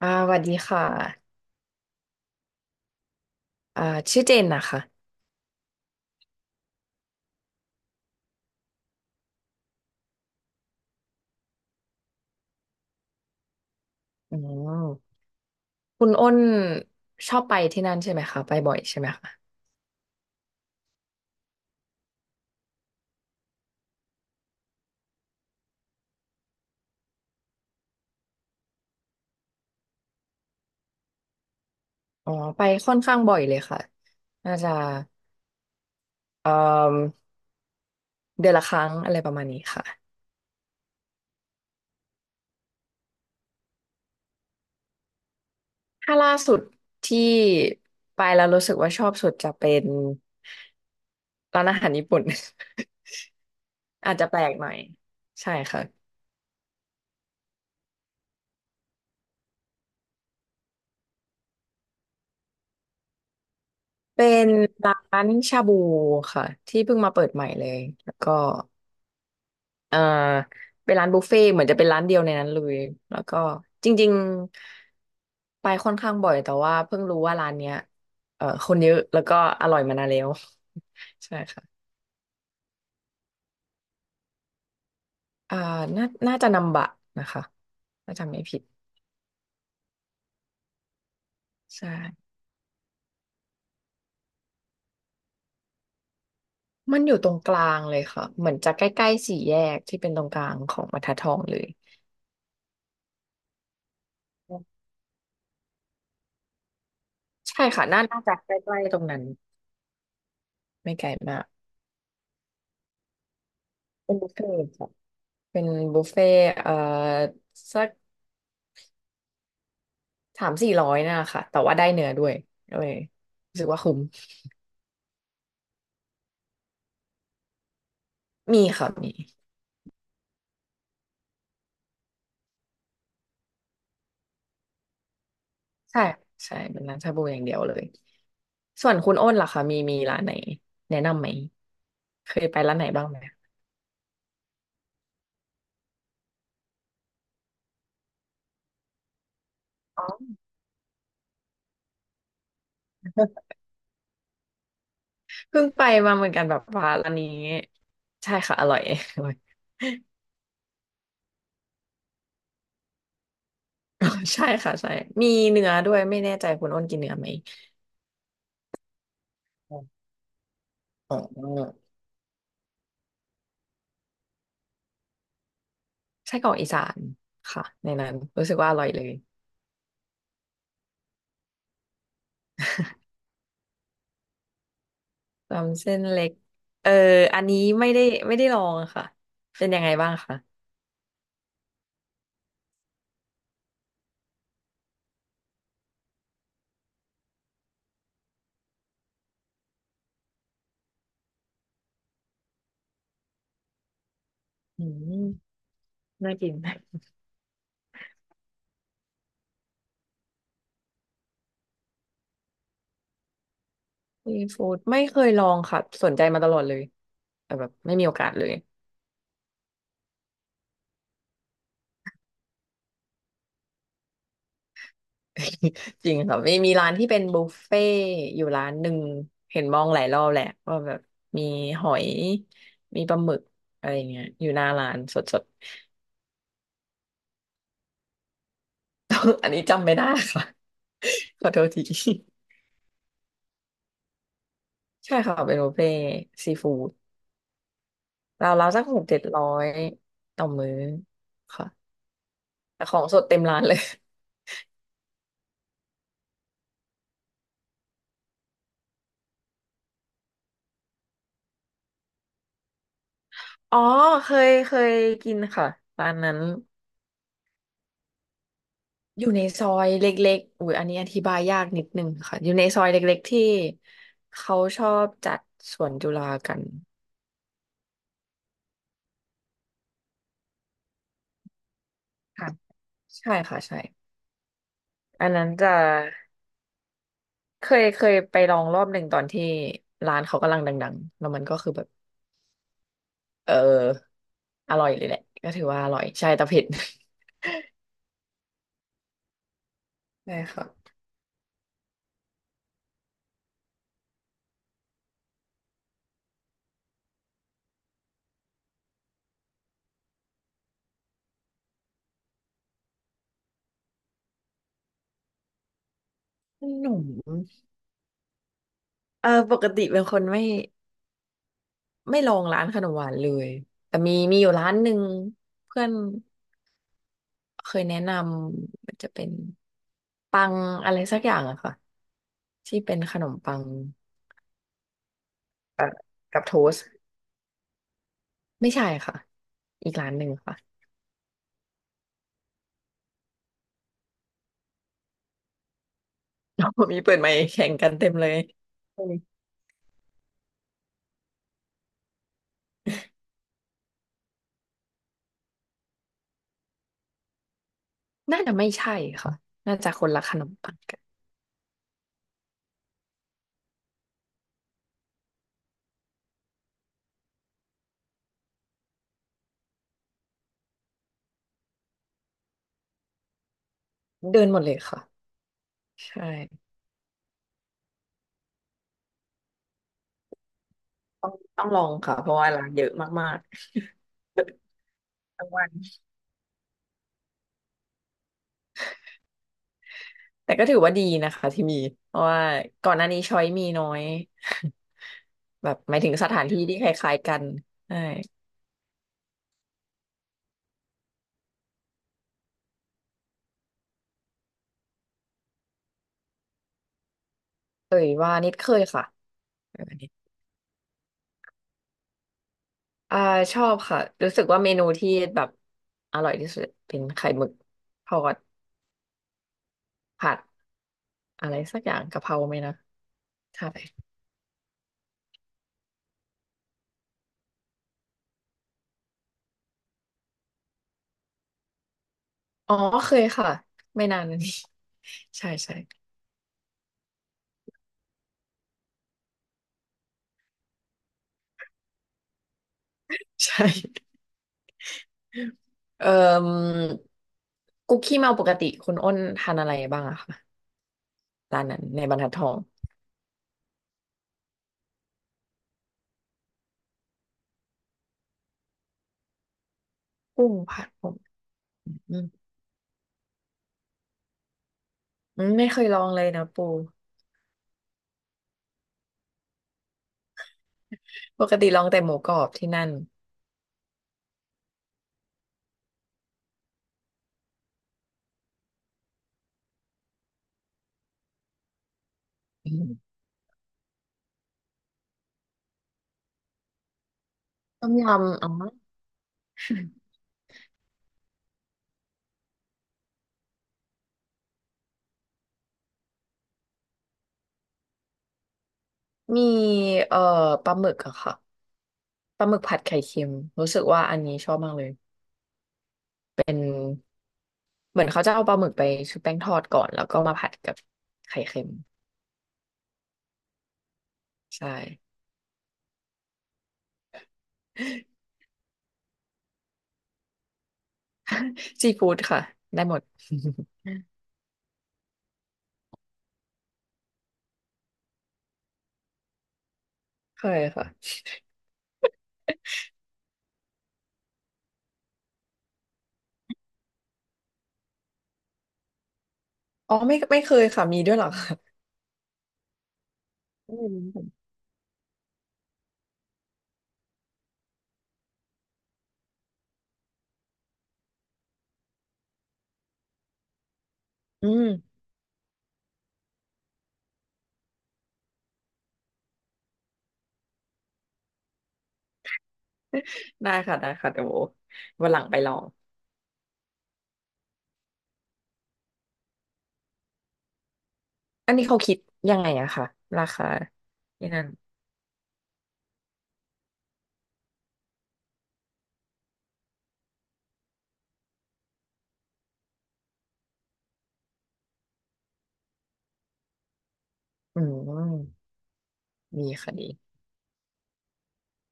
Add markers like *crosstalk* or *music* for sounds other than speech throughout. สวัสดีค่ะอ่าชื่อเจนนะคะอืมคุณอ้นชอบไปที่นั่นใช่ไหมคะไปบ่อยใช่ไหมคะอ๋อไปค่อนข้างบ่อยเลยค่ะน่าจะเอ่อเดือนละครั้งอะไรประมาณนี้ค่ะถ้าล่าสุดที่ไปแล้วรู้สึกว่าชอบสุดจะเป็นร้านอาหารญี่ปุ่น *laughs* อาจจะแปลกหน่อยใช่ค่ะเป็นร้านชาบูค่ะที่เพิ่งมาเปิดใหม่เลยแล้วก็ เอ่อเป็นร้านบุฟเฟ่ต์เหมือนจะเป็นร้านเดียวในนั้นเลยแล้วก็จริงๆไปค่อนข้างบ่อยแต่ว่าเพิ่งรู้ว่าร้านเนี้ยคนเยอะแล้วก็อร่อยมานานแล้ว *laughs* ใช่ค่ะอ่าน่าจะนำบะนะคะถ้าจำไม่ผิดใช่มันอยู่ตรงกลางเลยค่ะเหมือนจะใกล้ๆสี่แยกที่เป็นตรงกลางของบรรทัดทองเลยใช่ค่ะน่าจะใกล้ๆตรงนั้นไม่ไกลมากเป็นบุฟเฟ่ต์ค่ะเป็นบุฟเฟ่ต์สัก สามสี่ร้อยน่ะค่ะแต่ว่าได้เนื้อด้วยเออรู้สึกว่าคุ้มมีค่ะมีใช่ใช่เป็นร้านชาบูอย่างเดียวเลยส่วนคุณอ้นล่ะคะมีร้านไหนแนะนำไหมเคยไปร้านไหนบ้างไหมอ๋อเพิ่งไปมาเหมือนกันแบบว่าร้านนี้ใช่ค่ะอร่อย *laughs* อร่อยอ๋อใช่ค่ะใช่มีเนื้อด้วยไม่แน่ใจคุณอ้นกินเนื้อไหมอ๋อไส้กรอกอีสานค่ะในนั้นรู้สึกว่าอร่อยเลย ตำเส้นเล็กเอออันนี้ไม่ได้ลองอะค่ะเป็นยังไงบ้างคะอืมน่ากินซีฟู้ดไม่เคยลองค่ะสนใจมาตลอดเลยแต่แบบไม่มีโอกาสเลย *laughs* จริงค่ะไมีมีร้านที่เป็นบุฟเฟ่ต์อยู่ร้านหนึ่งเห็นมองหลายรอบแหละว่าแบบมีหอยมีปลาหมึกอะไรอย่างเงี้ยอยู่หน้าร้านสดๆ *laughs* อันนี้จำไม่ได้ค่ะ *laughs* ขอโทษที *laughs* ใช่ค่ะเป็นบุฟเฟ่ต์ซีฟู้ด เราวๆสักหกเจ็ดร้อยต่อมื้อค่ะแต่ของสดเต็มร้านเลยอ๋อเคยกินค่ะร้านนั้นอยู่ในซอยเล็กๆอุ้ยอันนี้อธิบายยากนิดนึงค่ะอยู่ในซอยเล็กๆที่เขาชอบจัดสวนจุฬากันค่ะใช่ค่ะใช่อันนั้นจะเคยไปลองรอบหนึ่งตอนที่ร้านเขากำลังดังๆแล้วมันก็คือแบบเอออร่อยเลยแหละก็ถือว่าอร่อยใช่แต่เผ็ด *laughs* ใช่ค่ะขนม เออปกติเป็นคนไม่ลองร้านขนมหวานเลยแต่มีอยู่ร้านหนึ่งเพื่อนเคยแนะนำมันจะเป็นปังอะไรสักอย่างอะค่ะที่เป็นขนมปังกับโทสต์ไม่ใช่ค่ะอีกร้านหนึ่งค่ะ *laughs* มีเปิดไมค์แข่งกันเต็มเลยเออน่าจะไม่ใช่ค่ะน่าจะคนละขนมปังกันเดินหมดเลยค่ะใช่ต้องลองค่ะเพราะว่าร้านเยอะมากๆ *laughs* ทั้งวัน แต่ก็ถือว่าดีนะคะที่มีเพราะว่าก่อนหน้านี้ช้อยมีน้อย *laughs* แบบหมายถึงสถานที่ที่คล้ายๆกันใช่เอ่ยว่านิดเคยค่ะเอยว่านิดอ่าชอบค่ะรู้สึกว่าเมนูที่แบบอร่อยที่สุดเป็นไข่หมึกทอดผัดอะไรสักอย่างกะเพราไหมนะใช่อ๋อเคยค่ะไม่นานมานี้ *laughs* ใช่ใช่ใช่เอ่กุ๊กขี้เมาปกติคุณอ้นทานอะไรบ้างอะคะร้านนั้นในบรรทัดทองกุ้งผัดผ อืมอืมไม่เคยลองเลยนะปู ปกติลองแต่หมูกรอบที่นั่นอืมต้มยำอ๋อมีเอ่อปลาหมึกอะค่ะปลาหมึกผัดไข่เค็ม รู้สึกว่าอันนี้ชอบมากเลย เหมือนเขาจะเอาปลาหมึกไปชุบแป้งทอดก่อนแล้วก็มาผัดกับไข่เค็มใช่ *laughs* ซีฟู้ดค่ะ ได้หมด *laughs* เคยค่ะ อ๋อไม่เคยค่ะมีด้วยเหรอคะอืมอืมได้ค่ะได้ค่ะเดี๋ยววันหลังไปลอง อันนี้เขาคิดยังไงอะค่ะราคาที่นั่นอืมดีค่ะดี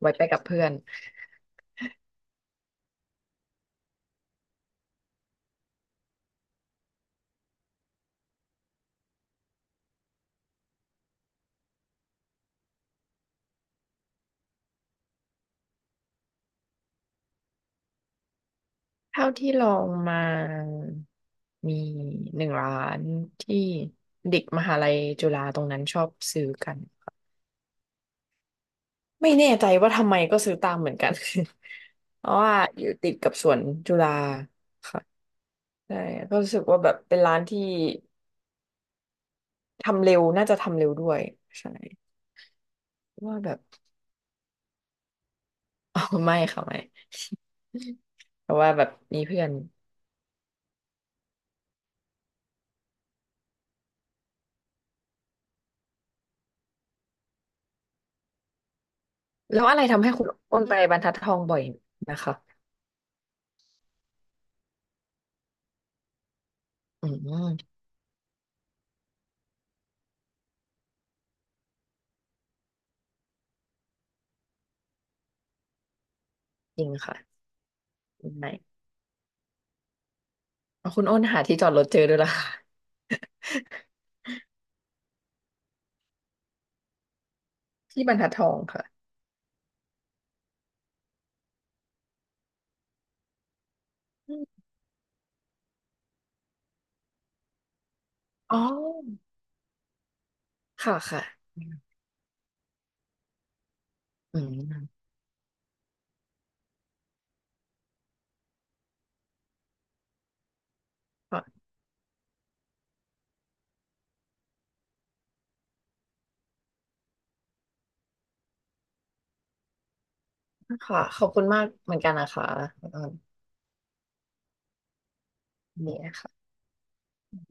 ไว้ไปกับเพื่อนเท่าที่ลองมามีหนึ่งร้านที่เด็กมหาลัยจุฬาตรงนั้นชอบซื้อกันไม่แน่ใจว่าทำไมก็ซื้อตามเหมือนกัน *laughs* เพราะว่าอยู่ติดกับสวนจุฬาค่ะใช่ก็รู้สึกว่าแบบเป็นร้านที่ทำเร็วน่าจะทำเร็วด้วยใช่ว่าแบบ *laughs* อ๋อไม่ค่ะไม่ *laughs* เพราะว่าแบบมีเพื่อนแล้วอะไรทำให้คุณอ้นไปบรรทัดทองบ่อยนะคะอืมจริงค่ะไม่เอาคุณอ้นหาที่จอดรถเจอด้วยล่ะค่ะ *laughs* ที่บรรทัดทองค่ะอมอ๋อค่ะค่ะอืมค่ะค่ะขอบคุณมากเหมือนกันนะคะคุณอ้นนี่ค่ะ